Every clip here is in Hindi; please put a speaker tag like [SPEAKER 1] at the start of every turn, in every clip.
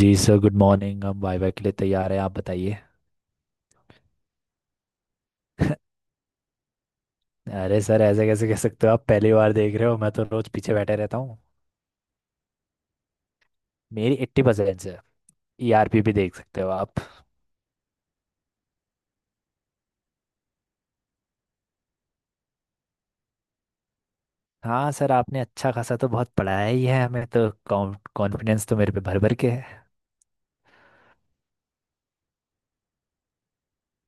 [SPEAKER 1] जी सर, गुड मॉर्निंग। हम वाइवा के लिए तैयार हैं, आप बताइए। अरे सर, ऐसे कैसे कह सकते हो? आप पहली बार देख रहे हो, मैं तो रोज पीछे बैठे रहता हूँ। मेरी 80% है। ईआरपी भी देख सकते हो आप। हाँ सर, आपने अच्छा खासा तो बहुत पढ़ाया ही है हमें तो। कॉन्फिडेंस तो मेरे पे भर भर के है।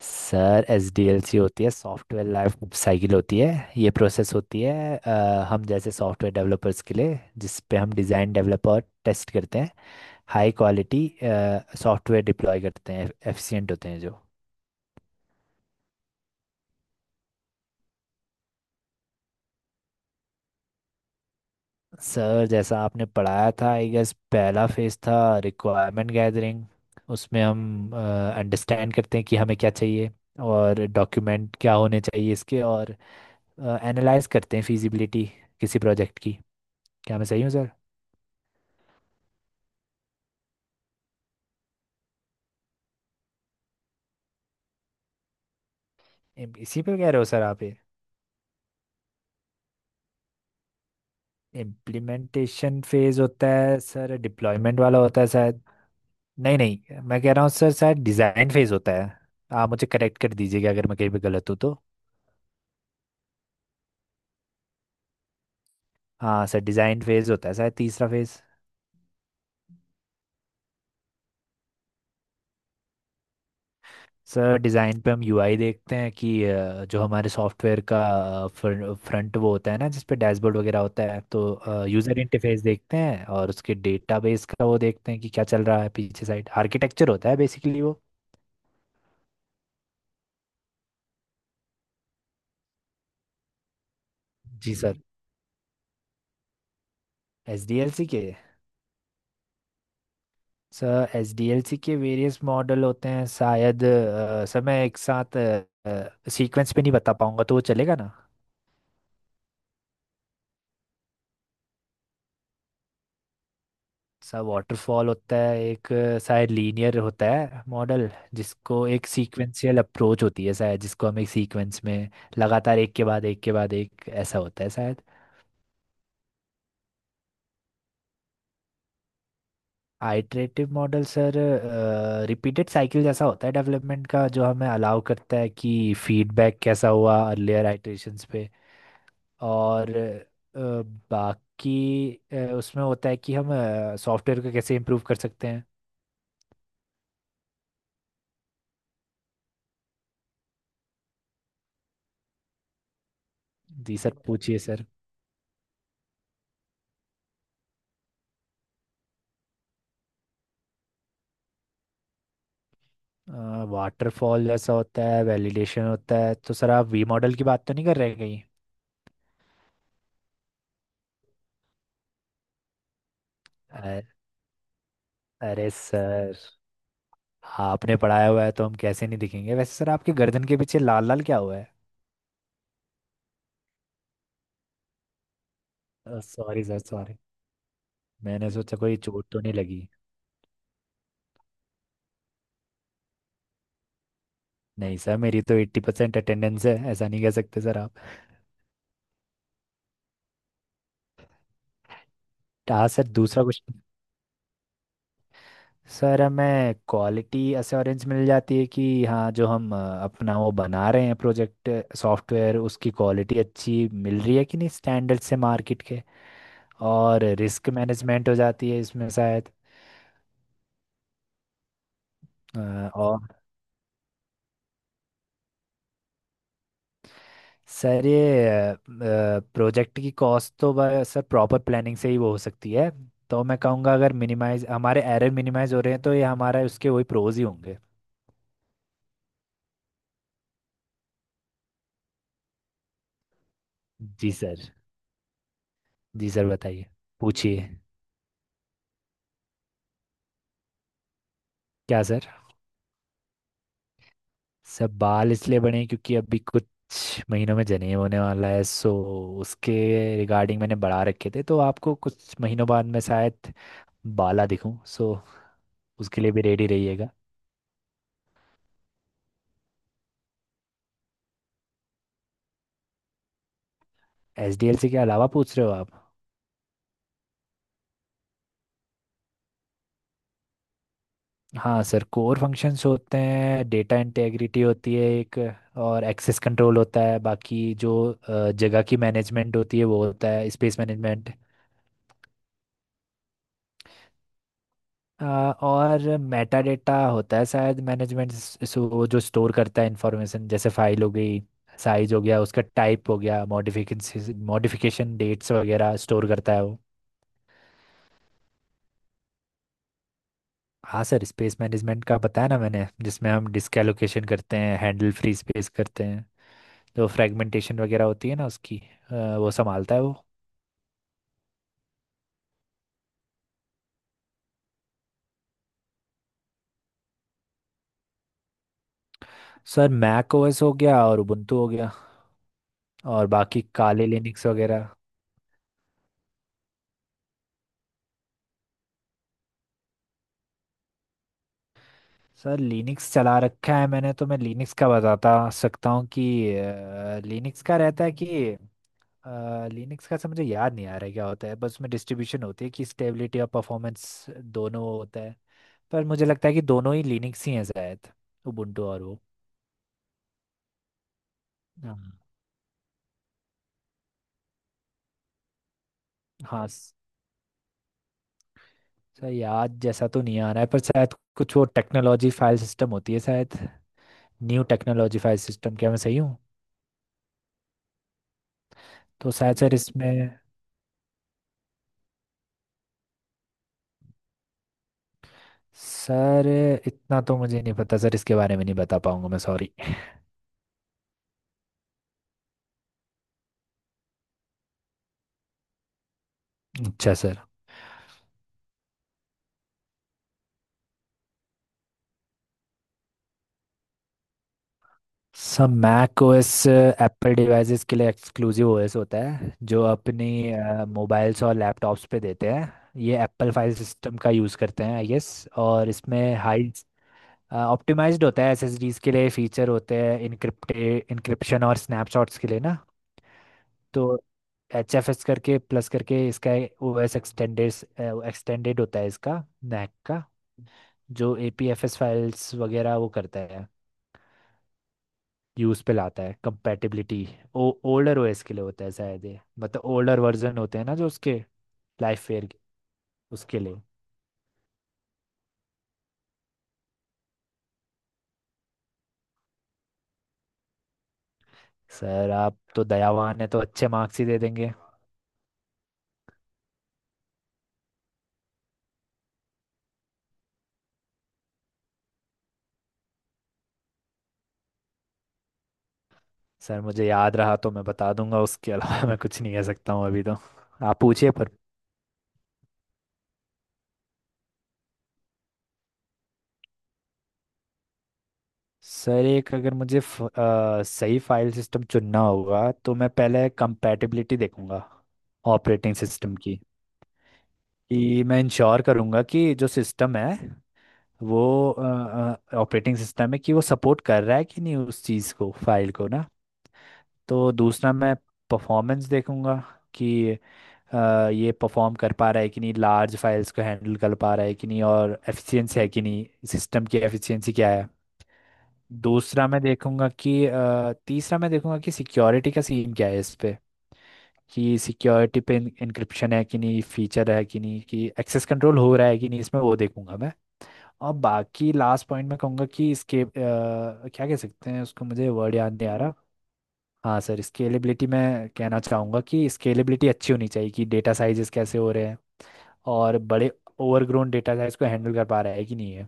[SPEAKER 1] Sir, S D L C होती है, सॉफ्टवेयर लाइफ साइकिल होती है। ये प्रोसेस होती है, हम जैसे सॉफ्टवेयर डेवलपर्स के लिए, जिस पे हम डिज़ाइन, डेवलप और टेस्ट करते हैं। हाई क्वालिटी सॉफ्टवेयर डिप्लॉय करते हैं, एफिशिएंट होते हैं जो। सर, जैसा आपने पढ़ाया था, आई गेस, पहला फेज था रिक्वायरमेंट गैदरिंग। उसमें हम अंडरस्टैंड करते हैं कि हमें क्या चाहिए और डॉक्यूमेंट क्या होने चाहिए इसके, और एनालाइज करते हैं फिजिबिलिटी किसी प्रोजेक्ट की। क्या मैं सही हूँ सर? इसी पे कह रहे हो सर आप ये? इम्प्लीमेंटेशन फेज होता है सर, डिप्लॉयमेंट वाला होता है शायद। नहीं नहीं, मैं कह रहा हूँ सर शायद डिज़ाइन फेज होता है। आप मुझे करेक्ट कर दीजिएगा अगर मैं कहीं पे गलत हूँ तो। हाँ सर, डिज़ाइन फेज होता है शायद तीसरा फेज। सर, डिज़ाइन पे हम यूआई देखते हैं कि जो हमारे सॉफ्टवेयर का फ्रंट वो होता है ना, जिस पे डैशबोर्ड वगैरह होता है, तो यूज़र इंटरफेस देखते हैं, और उसके डेटाबेस का वो देखते हैं कि क्या चल रहा है पीछे, साइड आर्किटेक्चर होता है बेसिकली वो। जी sir, S D L C के। Sir, S D L C के वेरियस मॉडल होते हैं शायद। सर, मैं एक साथ सीक्वेंस पे नहीं बता पाऊंगा तो वो चलेगा ना? सा वाटरफॉल होता है एक, शायद लीनियर होता है मॉडल, जिसको एक सीक्वेंशियल अप्रोच होती है शायद, जिसको हम एक सीक्वेंस में लगातार एक के बाद एक के बाद एक, ऐसा होता है शायद। Iterative model sir, repeated cycle जैसा होता है डेवलपमेंट का, जो हमें अलाउ करता है कि फीडबैक कैसा हुआ अर्लियर आइटरेशंस पे। और अ, बाकी उसमें होता है कि हम सॉफ्टवेयर को कैसे इम्प्रूव कर सकते हैं। जी सर, पूछिए सर। वाटरफॉल जैसा होता है, वैलिडेशन होता है, तो सर आप वी मॉडल की बात तो नहीं कर रहे कहीं? अरे अरे सर, आपने पढ़ाया हुआ है तो हम कैसे नहीं दिखेंगे। वैसे सर, आपके गर्दन के पीछे लाल लाल क्या हुआ? है? सॉरी सर, सॉरी, मैंने सोचा कोई चोट तो नहीं लगी। नहीं सर, मेरी तो 80% अटेंडेंस है, ऐसा नहीं कह सकते सर आप। हाँ सर, दूसरा क्वेश्चन। सर, हमें क्वालिटी अश्योरेंस मिल जाती है कि हाँ, जो हम अपना वो बना रहे हैं प्रोजेक्ट, सॉफ्टवेयर, उसकी क्वालिटी अच्छी मिल रही है कि नहीं स्टैंडर्ड से मार्केट के। और रिस्क मैनेजमेंट हो जाती है इसमें शायद। और सर, ये प्रोजेक्ट की कॉस्ट तो सर, प्रॉपर प्लानिंग से ही वो हो सकती है। तो मैं कहूँगा अगर मिनिमाइज, हमारे एरर मिनिमाइज हो रहे हैं, तो ये हमारा उसके वही प्रोज ही होंगे। जी सर, जी सर, बताइए। पूछिए। क्या सर? सब बाल इसलिए बने हैं क्योंकि अभी कुछ महीनों में जनेब होने वाला है, सो उसके रिगार्डिंग मैंने बढ़ा रखे थे, तो आपको कुछ महीनों बाद मैं शायद बाला दिखूं, सो उसके लिए भी रेडी रहिएगा। एसडीएलसी के अलावा पूछ रहे हो आप? हाँ सर, कोर फंक्शंस होते हैं। डेटा इंटेग्रिटी होती है एक, और एक्सेस कंट्रोल होता है। बाकी जो जगह की मैनेजमेंट होती है वो होता है स्पेस मैनेजमेंट। और मेटा डेटा होता है शायद, मैनेजमेंट, वो जो स्टोर करता है इंफॉर्मेशन, जैसे फाइल हो गई, साइज हो गया उसका, टाइप हो गया, मॉडिफिकेशन मॉडिफिकेशन डेट्स वगैरह स्टोर करता है वो। हाँ सर, स्पेस मैनेजमेंट का बताया ना मैंने, जिसमें हम डिस्क एलोकेशन करते हैं, हैंडल फ्री स्पेस करते हैं। जो फ्रेगमेंटेशन वगैरह होती है ना उसकी, वो संभालता है वो। सर, मैक ओएस हो गया और उबुंटू हो गया। और बाकी काले लिनक्स वगैरह। सर, लिनक्स चला रखा है मैंने तो मैं लिनक्स का बताता सकता हूँ कि लिनक्स का रहता है कि लिनक्स का, से मुझे याद नहीं आ रहा है क्या होता है, बस उसमें डिस्ट्रीब्यूशन होती है कि स्टेबिलिटी और परफॉर्मेंस दोनों होता है। पर मुझे लगता है कि दोनों ही लिनक्स ही हैं शायद, उबुंटू और वो। हाँ हाँ। सर, याद जैसा तो नहीं आ रहा है, पर शायद कुछ वो टेक्नोलॉजी फाइल सिस्टम होती है शायद, न्यू टेक्नोलॉजी फाइल सिस्टम। क्या मैं सही हूँ? तो शायद सर इसमें। सर, इतना तो मुझे नहीं पता सर, इसके बारे में नहीं बता पाऊंगा मैं, सॉरी। अच्छा sir. Sir, Mac OS Apple devices के लिए एक्सक्लूसिव ओएस होता है, जो अपनी मोबाइल्स और लैपटॉप्स पे देते हैं। ये एप्पल फाइल सिस्टम का यूज़ करते हैं आई गेस। और इसमें हाई ऑप्टिमाइज्ड होता है एसएसडीज के लिए, फीचर होते हैं इनक्रिप्टे इनक्रिप्शन और स्नैपशॉट्स के लिए ना। तो एच एफ एस करके, प्लस करके, इसका ओएस एक्सटेंडेड एक्सटेंडेड होता है इसका, मैक का। जो APFS फाइल्स वगैरह वो करता है, यूज़ पे लाता है कंपैटिबिलिटी। ओ ओल्डर ओएस के लिए होता है शायद ये, मतलब ओल्डर वर्जन होते हैं ना जो उसके लाइफ फेयर के, उसके लिए। सर, आप तो दयावान है तो अच्छे मार्क्स ही दे देंगे। सर, मुझे याद रहा तो मैं बता दूंगा, उसके अलावा मैं कुछ नहीं कह सकता हूँ अभी तो। आप पूछिए पर। सर, एक अगर मुझे सही फाइल सिस्टम चुनना होगा तो मैं पहले कंपैटिबिलिटी देखूंगा ऑपरेटिंग सिस्टम की। कि मैं इंश्योर करूंगा कि जो सिस्टम है वो ऑपरेटिंग सिस्टम है, कि वो सपोर्ट कर रहा है कि नहीं उस चीज़ को, फाइल को ना। तो दूसरा मैं परफॉर्मेंस देखूंगा कि ये परफॉर्म कर पा रहा है कि नहीं, लार्ज फाइल्स को हैंडल कर पा रहा है कि नहीं, और एफिशिएंसी है कि नहीं, सिस्टम की एफिशिएंसी क्या है। दूसरा मैं देखूंगा कि तीसरा मैं देखूंगा कि सिक्योरिटी का सीन क्या है इस पे। कि सिक्योरिटी पे इंक्रिप्शन है कि नहीं, फीचर है कि नहीं, कि एक्सेस कंट्रोल हो रहा है कि नहीं, इसमें वो देखूंगा मैं। और बाकी लास्ट पॉइंट मैं कहूँगा कि इसके, क्या कह सकते हैं उसको, मुझे वर्ड याद नहीं आ रहा। हाँ सर, स्केलेबिलिटी, मैं कहना चाहूँगा कि स्केलेबिलिटी अच्छी होनी चाहिए कि डेटा साइजेस कैसे हो रहे हैं, और बड़े ओवरग्रोन डेटा साइज को हैंडल कर पा रहा है कि नहीं है।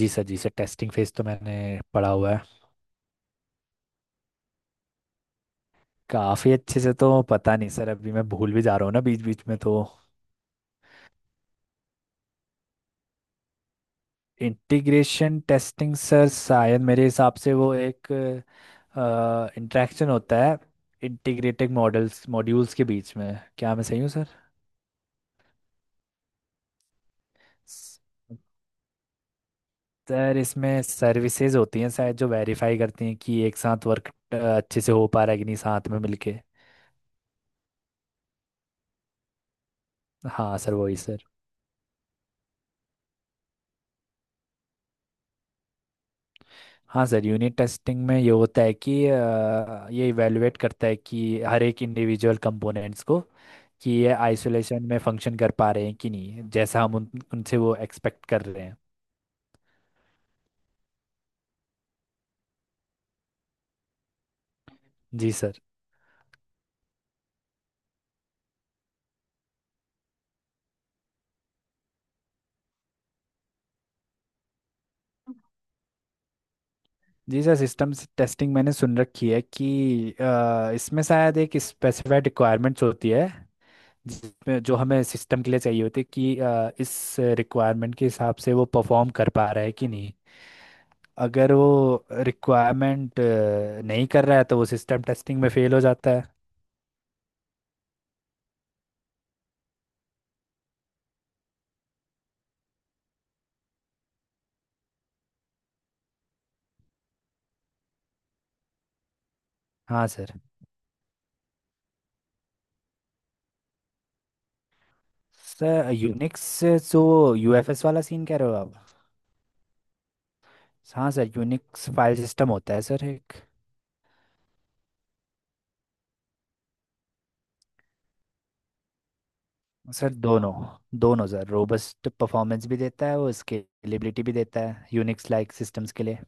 [SPEAKER 1] जी सर, जी सर, टेस्टिंग फेज तो मैंने पढ़ा हुआ है। काफ़ी अच्छे से तो पता नहीं सर, अभी मैं भूल भी जा रहा हूँ ना बीच बीच में तो। इंटीग्रेशन टेस्टिंग सर, शायद मेरे हिसाब से वो एक इंटरेक्शन होता है इंटीग्रेटेड मॉडल्स, मॉड्यूल्स के बीच में। क्या मैं सही हूँ सर? सर, इसमें सर्विसेज होती हैं शायद जो वेरीफाई करती हैं कि एक साथ वर्क अच्छे से हो पा रहा है कि नहीं साथ में मिलके। हाँ सर, वही सर। हाँ सर, यूनिट टेस्टिंग में ये होता है कि ये इवेलुएट करता है कि हर एक इंडिविजुअल कंपोनेंट्स को, कि ये आइसोलेशन में फंक्शन कर पा रहे हैं कि नहीं जैसा हम उनसे वो एक्सपेक्ट कर रहे हैं। जी सर, जी सर, सिस्टम टेस्टिंग मैंने सुन रखी है कि इसमें शायद एक स्पेसिफाइड रिक्वायरमेंट्स होती है, जिसमें जो हमें सिस्टम के लिए चाहिए होती है कि इस रिक्वायरमेंट के हिसाब से वो परफॉर्म कर पा रहा है कि नहीं। अगर वो रिक्वायरमेंट नहीं कर रहा है तो वो सिस्टम टेस्टिंग में फेल हो जाता है। हाँ सर, सर यूनिक्स से जो यूएफएस वाला सीन कह रहे हो आप? हाँ सर, यूनिक्स फाइल सिस्टम होता है सर एक। सर, दोनों। दोनों सर, रोबस्ट परफॉर्मेंस भी देता है वो, स्केलेबिलिटी भी देता है यूनिक्स लाइक सिस्टम्स के लिए।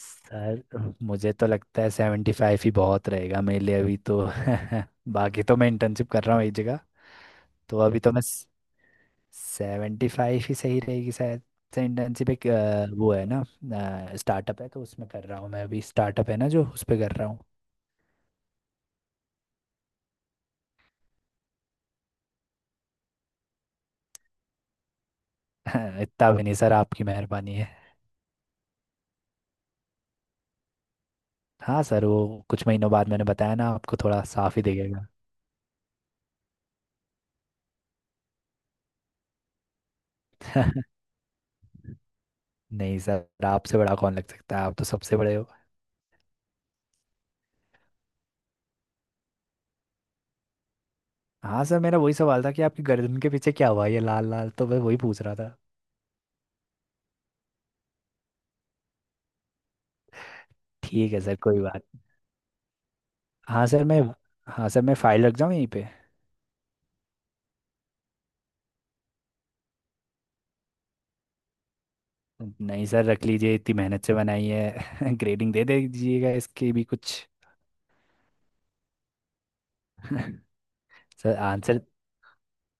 [SPEAKER 1] सर, मुझे तो लगता है 75 ही बहुत रहेगा मेरे लिए अभी तो। बाकी तो मैं इंटर्नशिप कर रहा हूँ एक जगह। तो अभी तो मैं, 75 ही सही रहेगी शायद। सर, इंटर्नशिप एक, वो है ना, स्टार्टअप है तो उसमें कर रहा हूँ मैं अभी। स्टार्टअप है ना जो, उस पर कर रहा हूँ। इतना भी नहीं सर, आपकी मेहरबानी है। हाँ सर, वो कुछ महीनों बाद मैंने बताया ना आपको, थोड़ा साफ ही दिखेगा। नहीं सर, आपसे बड़ा कौन लग सकता है, आप तो सबसे बड़े हो। हाँ सर, मेरा वही सवाल था कि आपकी गर्दन के पीछे क्या हुआ ये लाल लाल, तो मैं वही पूछ रहा था। ठीक है सर, कोई बात। हाँ सर, मैं हाँ सर, मैं फाइल रख जाऊँ यहीं पे? नहीं सर, रख लीजिए, इतनी मेहनत से बनाई है। ग्रेडिंग दे दीजिएगा इसकी भी कुछ। सर, आंसर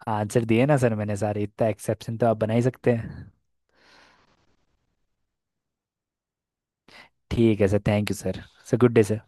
[SPEAKER 1] आंसर दिए ना सर मैंने सारे, इतना एक्सेप्शन तो आप बना ही सकते हैं। ठीक है sir, thank you sir. Sir, good day sir.